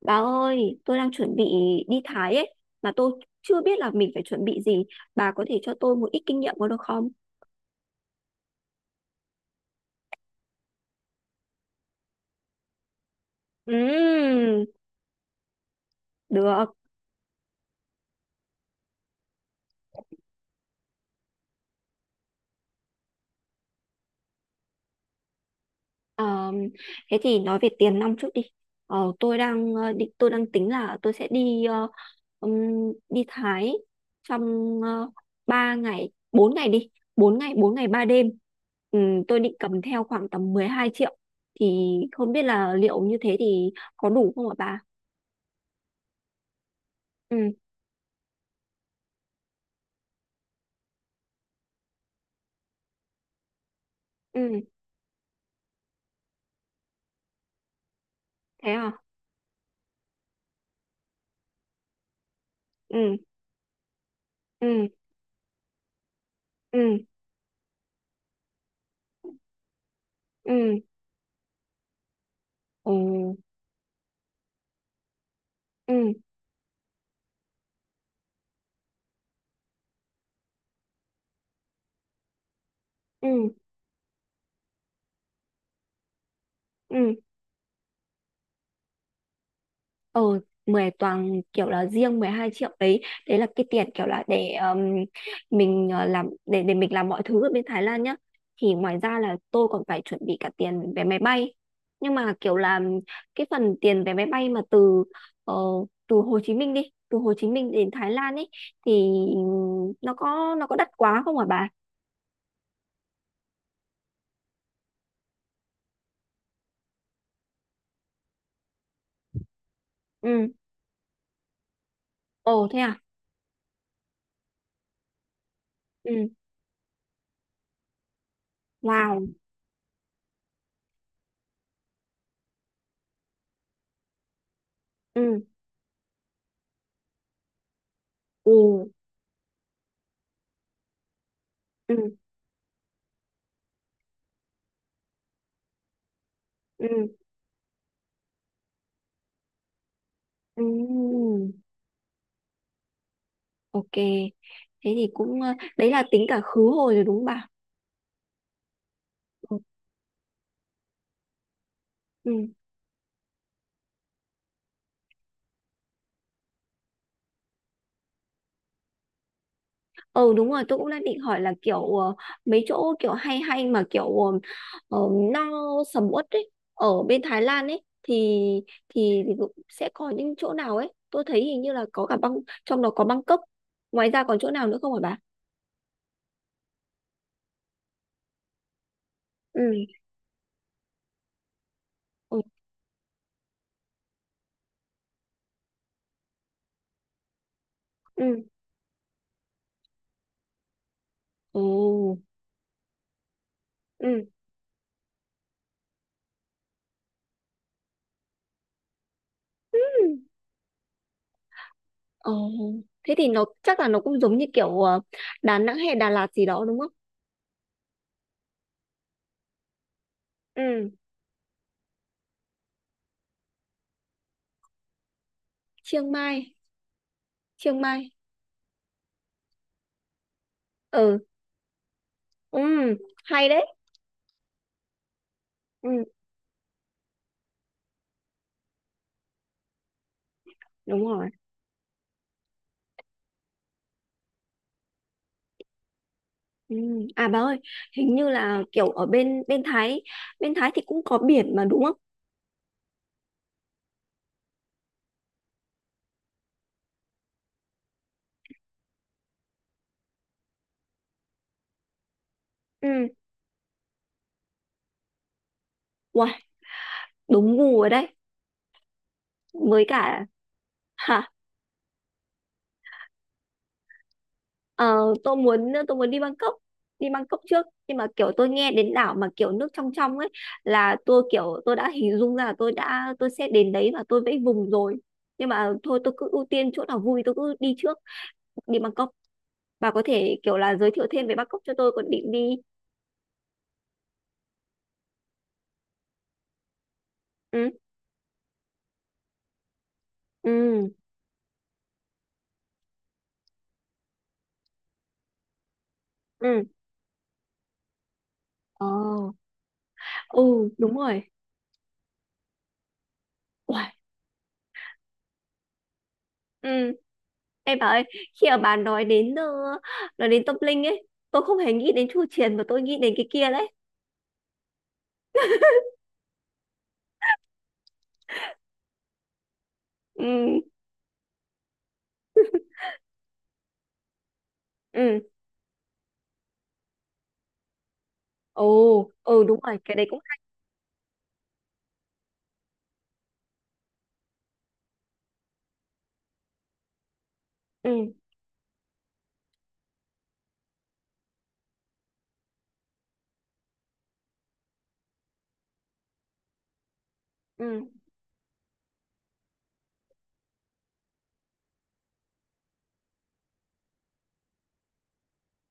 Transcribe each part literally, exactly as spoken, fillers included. Bà ơi, tôi đang chuẩn bị đi Thái ấy, mà tôi chưa biết là mình phải chuẩn bị gì. Bà có thể cho tôi một ít kinh nghiệm có được không? Ừm, được. Ờm, Thế thì nói về tiền nong trước đi. Ờ, tôi đang ờ, định, tôi đang tính là tôi sẽ đi ờ, ừm, đi Thái trong uh, ba ngày, bốn ngày đi, bốn ngày, bốn ngày ba đêm. Ừm, tôi định cầm theo khoảng tầm mười hai triệu. Thì không biết là liệu như thế thì có đủ không ạ bà? Ừ. Ừ, thế à? Ừ. Ừ. Ừ. Ừ. Ừ. Ừ. Ừ. Ừ. ờ Mười toàn kiểu là riêng mười hai triệu đấy. Đấy là cái tiền kiểu là để um, mình ờ, làm để để mình làm mọi thứ ở bên Thái Lan nhá. Thì ngoài ra là tôi còn phải chuẩn bị cả tiền vé máy bay, nhưng mà kiểu là cái phần tiền vé máy bay mà từ ờ, từ Hồ Chí Minh đi từ Hồ Chí Minh đến Thái Lan ấy, thì nó có nó có đắt quá không hả bà? Ừ. Ồ, thế à? Ừ. Wow. Ừ. Ừ. Ừ. Ừ. Ừ. Ok, thế thì cũng, ờ, đấy là tính cả khứ hồi rồi đúng không bà? Ừ. Ừ. Ừ, đúng rồi, tôi cũng đang định hỏi là kiểu ờ, mấy chỗ kiểu hay hay mà kiểu ờ, ờ, no sầm uất ấy ở bên Thái Lan ấy, thì thì, thì cũng sẽ có những chỗ nào ấy. Tôi thấy hình như là có cả băng, trong đó có Bangkok, ngoài ra còn chỗ nào nữa không hả bà? Ừ. Ừ. Ừ. Ừ, ừ. Ồ, thế thì nó chắc là nó cũng giống như kiểu ờ, Đà Nẵng hay Đà Lạt gì đó đúng không? Ừ, Chiang Mai, Chiang Mai. Ừ, ừ, hay đấy. Ừ, đúng rồi. Ừ. À bà ơi, hình như là kiểu ở bên bên Thái, bên Thái thì cũng có biển mà đúng không? Ừ, wow, đúng gu rồi đấy. Với cả. Ờ, tôi muốn tôi muốn đi Bangkok, đi Bangkok trước, nhưng mà kiểu tôi nghe đến đảo mà kiểu nước trong trong ấy là tôi kiểu tôi đã hình dung ra là tôi đã tôi sẽ đến đấy và tôi vẫy vùng rồi. Nhưng mà thôi tôi cứ ưu tiên chỗ nào vui tôi cứ đi trước, đi Bangkok. Bà có thể kiểu là giới thiệu thêm về Bangkok cho tôi còn định đi. Ừ. Ừ. Ừ. Ờ. Ừ, đúng rồi. Uầy. Ừ, em bảo ơi, khi mà bà nói đến ờ, nói đến tâm linh ấy, tôi không hề nghĩ đến chu truyền mà tôi nghĩ đến cái kia đấy. Ừ. Ừ. Ồ. Ừ, đúng rồi, cái đấy cũng. Ừ. Ừ.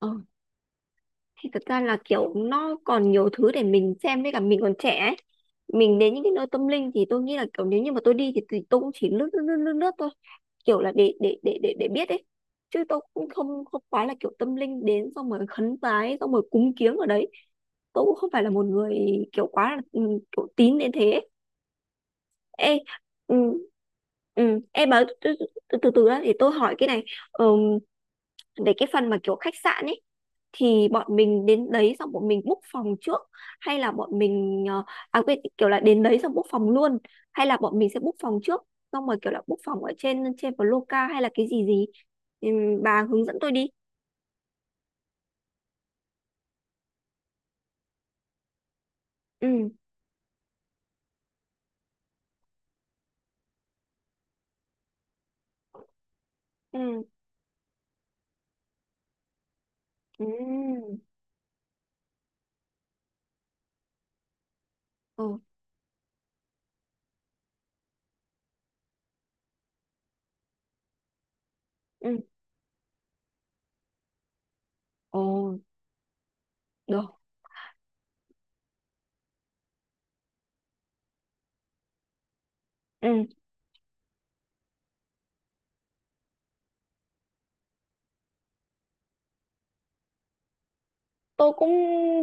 Ừ. Thì thật ra là kiểu nó còn nhiều thứ để mình xem với cả mình còn trẻ ấy. Mình đến những cái nơi tâm linh thì tôi nghĩ là kiểu nếu như mà tôi đi thì, thì tôi cũng chỉ lướt lướt lướt lướt, lướt thôi. Kiểu là để để để để để biết ấy, chứ tôi cũng không không phải là kiểu tâm linh đến xong rồi khấn vái xong rồi cúng kiếng ở đấy. Tôi cũng không phải là một người kiểu quá là, ừ, kiểu tín đến thế ấy. Ê. Ừ. Ừ, em bảo từ từ từ từ để tôi hỏi cái này. Ừ, để cái phần mà kiểu khách sạn ấy thì bọn mình đến đấy xong bọn mình book phòng trước, hay là bọn mình, ờ, à quên, kiểu là đến đấy xong book phòng luôn, hay là bọn mình sẽ book phòng trước xong rồi kiểu là book phòng ở trên trên Loca hay là cái gì gì. Ừm, bà hướng dẫn tôi đi. Ừ. Ừ. Ừ. Ừ. Ừ. Ồ, được. Ừ, tôi cũng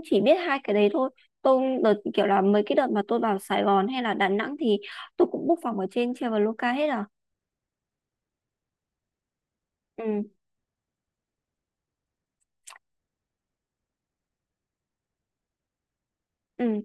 chỉ biết hai cái đấy thôi. Tôi đợt kiểu là mấy cái đợt mà tôi vào Sài Gòn hay là Đà Nẵng thì tôi cũng book phòng ở trên Traveloka hết à. Ừ. Ừ.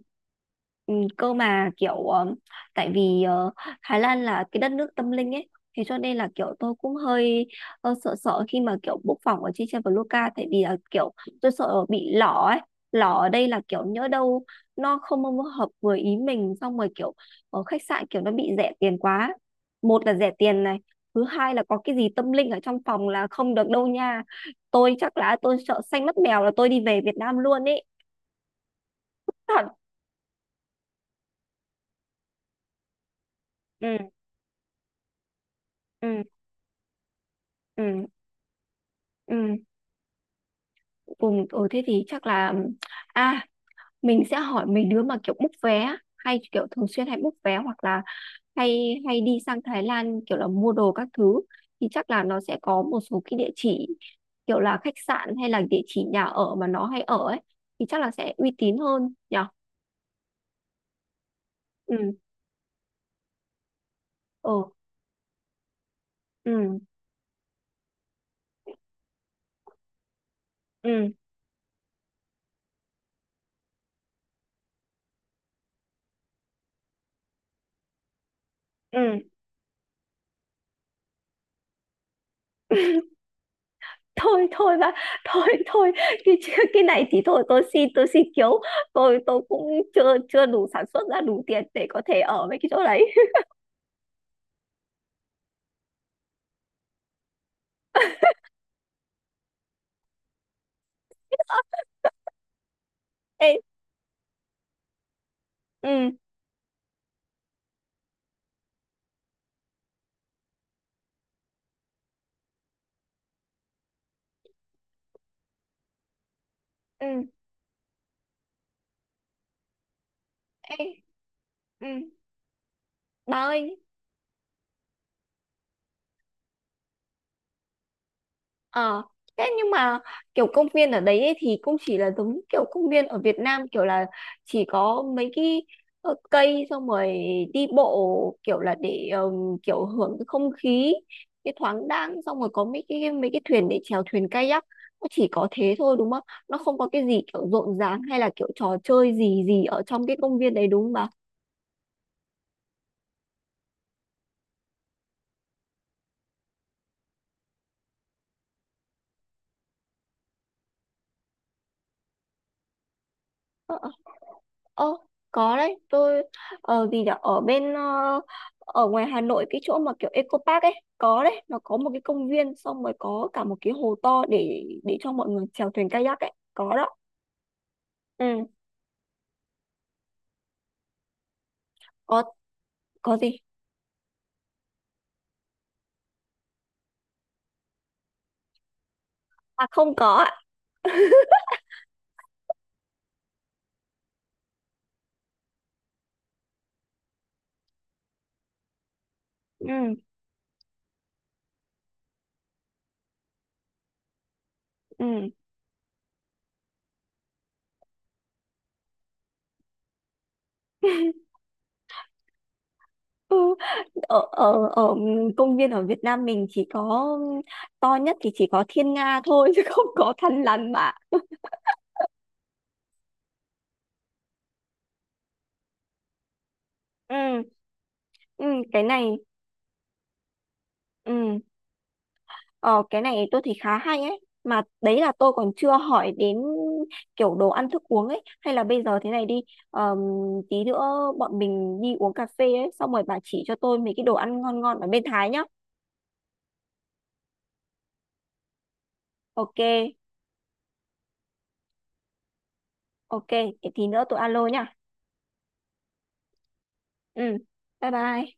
Ừ, cơ mà kiểu, ờ, tại vì ờ, Thái Lan là cái đất nước tâm linh ấy, thế cho nên là kiểu tôi cũng hơi ờ, sợ sợ khi mà kiểu book phòng ở trên Traveloka. Tại vì là kiểu tôi sợ bị lỏ ấy. Lỏ ở đây là kiểu nhỡ đâu nó không hợp với ý mình, xong rồi kiểu ở khách sạn kiểu nó bị rẻ tiền quá. Một là rẻ tiền này, thứ hai là có cái gì tâm linh ở trong phòng là không được đâu nha. Tôi chắc là tôi sợ xanh mắt mèo là tôi đi về Việt Nam luôn ấy thật. Ừ. Ừ. Ừ. Ừ. Ừ, ừ, thế thì chắc là, à mình sẽ hỏi mấy đứa mà kiểu book vé hay kiểu thường xuyên hay book vé, hoặc là hay hay đi sang Thái Lan kiểu là mua đồ các thứ, thì chắc là nó sẽ có một số cái địa chỉ kiểu là khách sạn hay là địa chỉ nhà ở mà nó hay ở ấy, thì chắc là sẽ uy tín hơn nhở. Ừ. Ừ. Ừ. Ừ. Ừ. Thôi thôi bà, thôi thôi. Cái cái này thì thôi, tôi xin tôi xin kiếu. Tôi tôi cũng chưa chưa đủ sản xuất ra đủ tiền để có thể ở với cái chỗ đấy. Ê. Ừ. Ừ. Ê. Ừ, bà ơi, ờ, thế nhưng mà kiểu công viên ở đấy ấy thì cũng chỉ là giống kiểu công viên ở Việt Nam kiểu là chỉ có mấy cái, ờ, cây, xong rồi đi bộ kiểu là để, ờm, kiểu hưởng cái không khí, cái thoáng đãng, xong rồi có mấy cái mấy cái thuyền để chèo thuyền kayak. Nó chỉ có thế thôi đúng không? Nó không có cái gì kiểu rộn ràng hay là kiểu trò chơi gì gì ở trong cái công viên đấy đúng không bà? Ờ, ờ. Ơ, có đấy. Tôi ở gì nhỉ? Ở bên ờ, ở ngoài Hà Nội, cái chỗ mà kiểu Eco Park ấy, có đấy, nó có một cái công viên, xong rồi có cả một cái hồ to để để cho mọi người chèo thuyền kayak ấy, có đó. Ừ, có. Có gì? À, không có ạ. Ừ, ừ. Ừ, ở ở ở công viên ở Việt Nam mình chỉ có to nhất thì chỉ có Thiên Nga thôi chứ không có Thăn Lằn mà. Ừ, ừ, cái này. Ừ. Ờ, cái này tôi thấy khá hay ấy. Mà đấy là tôi còn chưa hỏi đến kiểu đồ ăn thức uống ấy. Hay là bây giờ thế này đi. ờm, Tí nữa bọn mình đi uống cà phê ấy. Xong rồi bà chỉ cho tôi mấy cái đồ ăn ngon ngon ở bên Thái nhá. Ok, ok. Để tí nữa tôi alo nhá. Ừ, bye bye.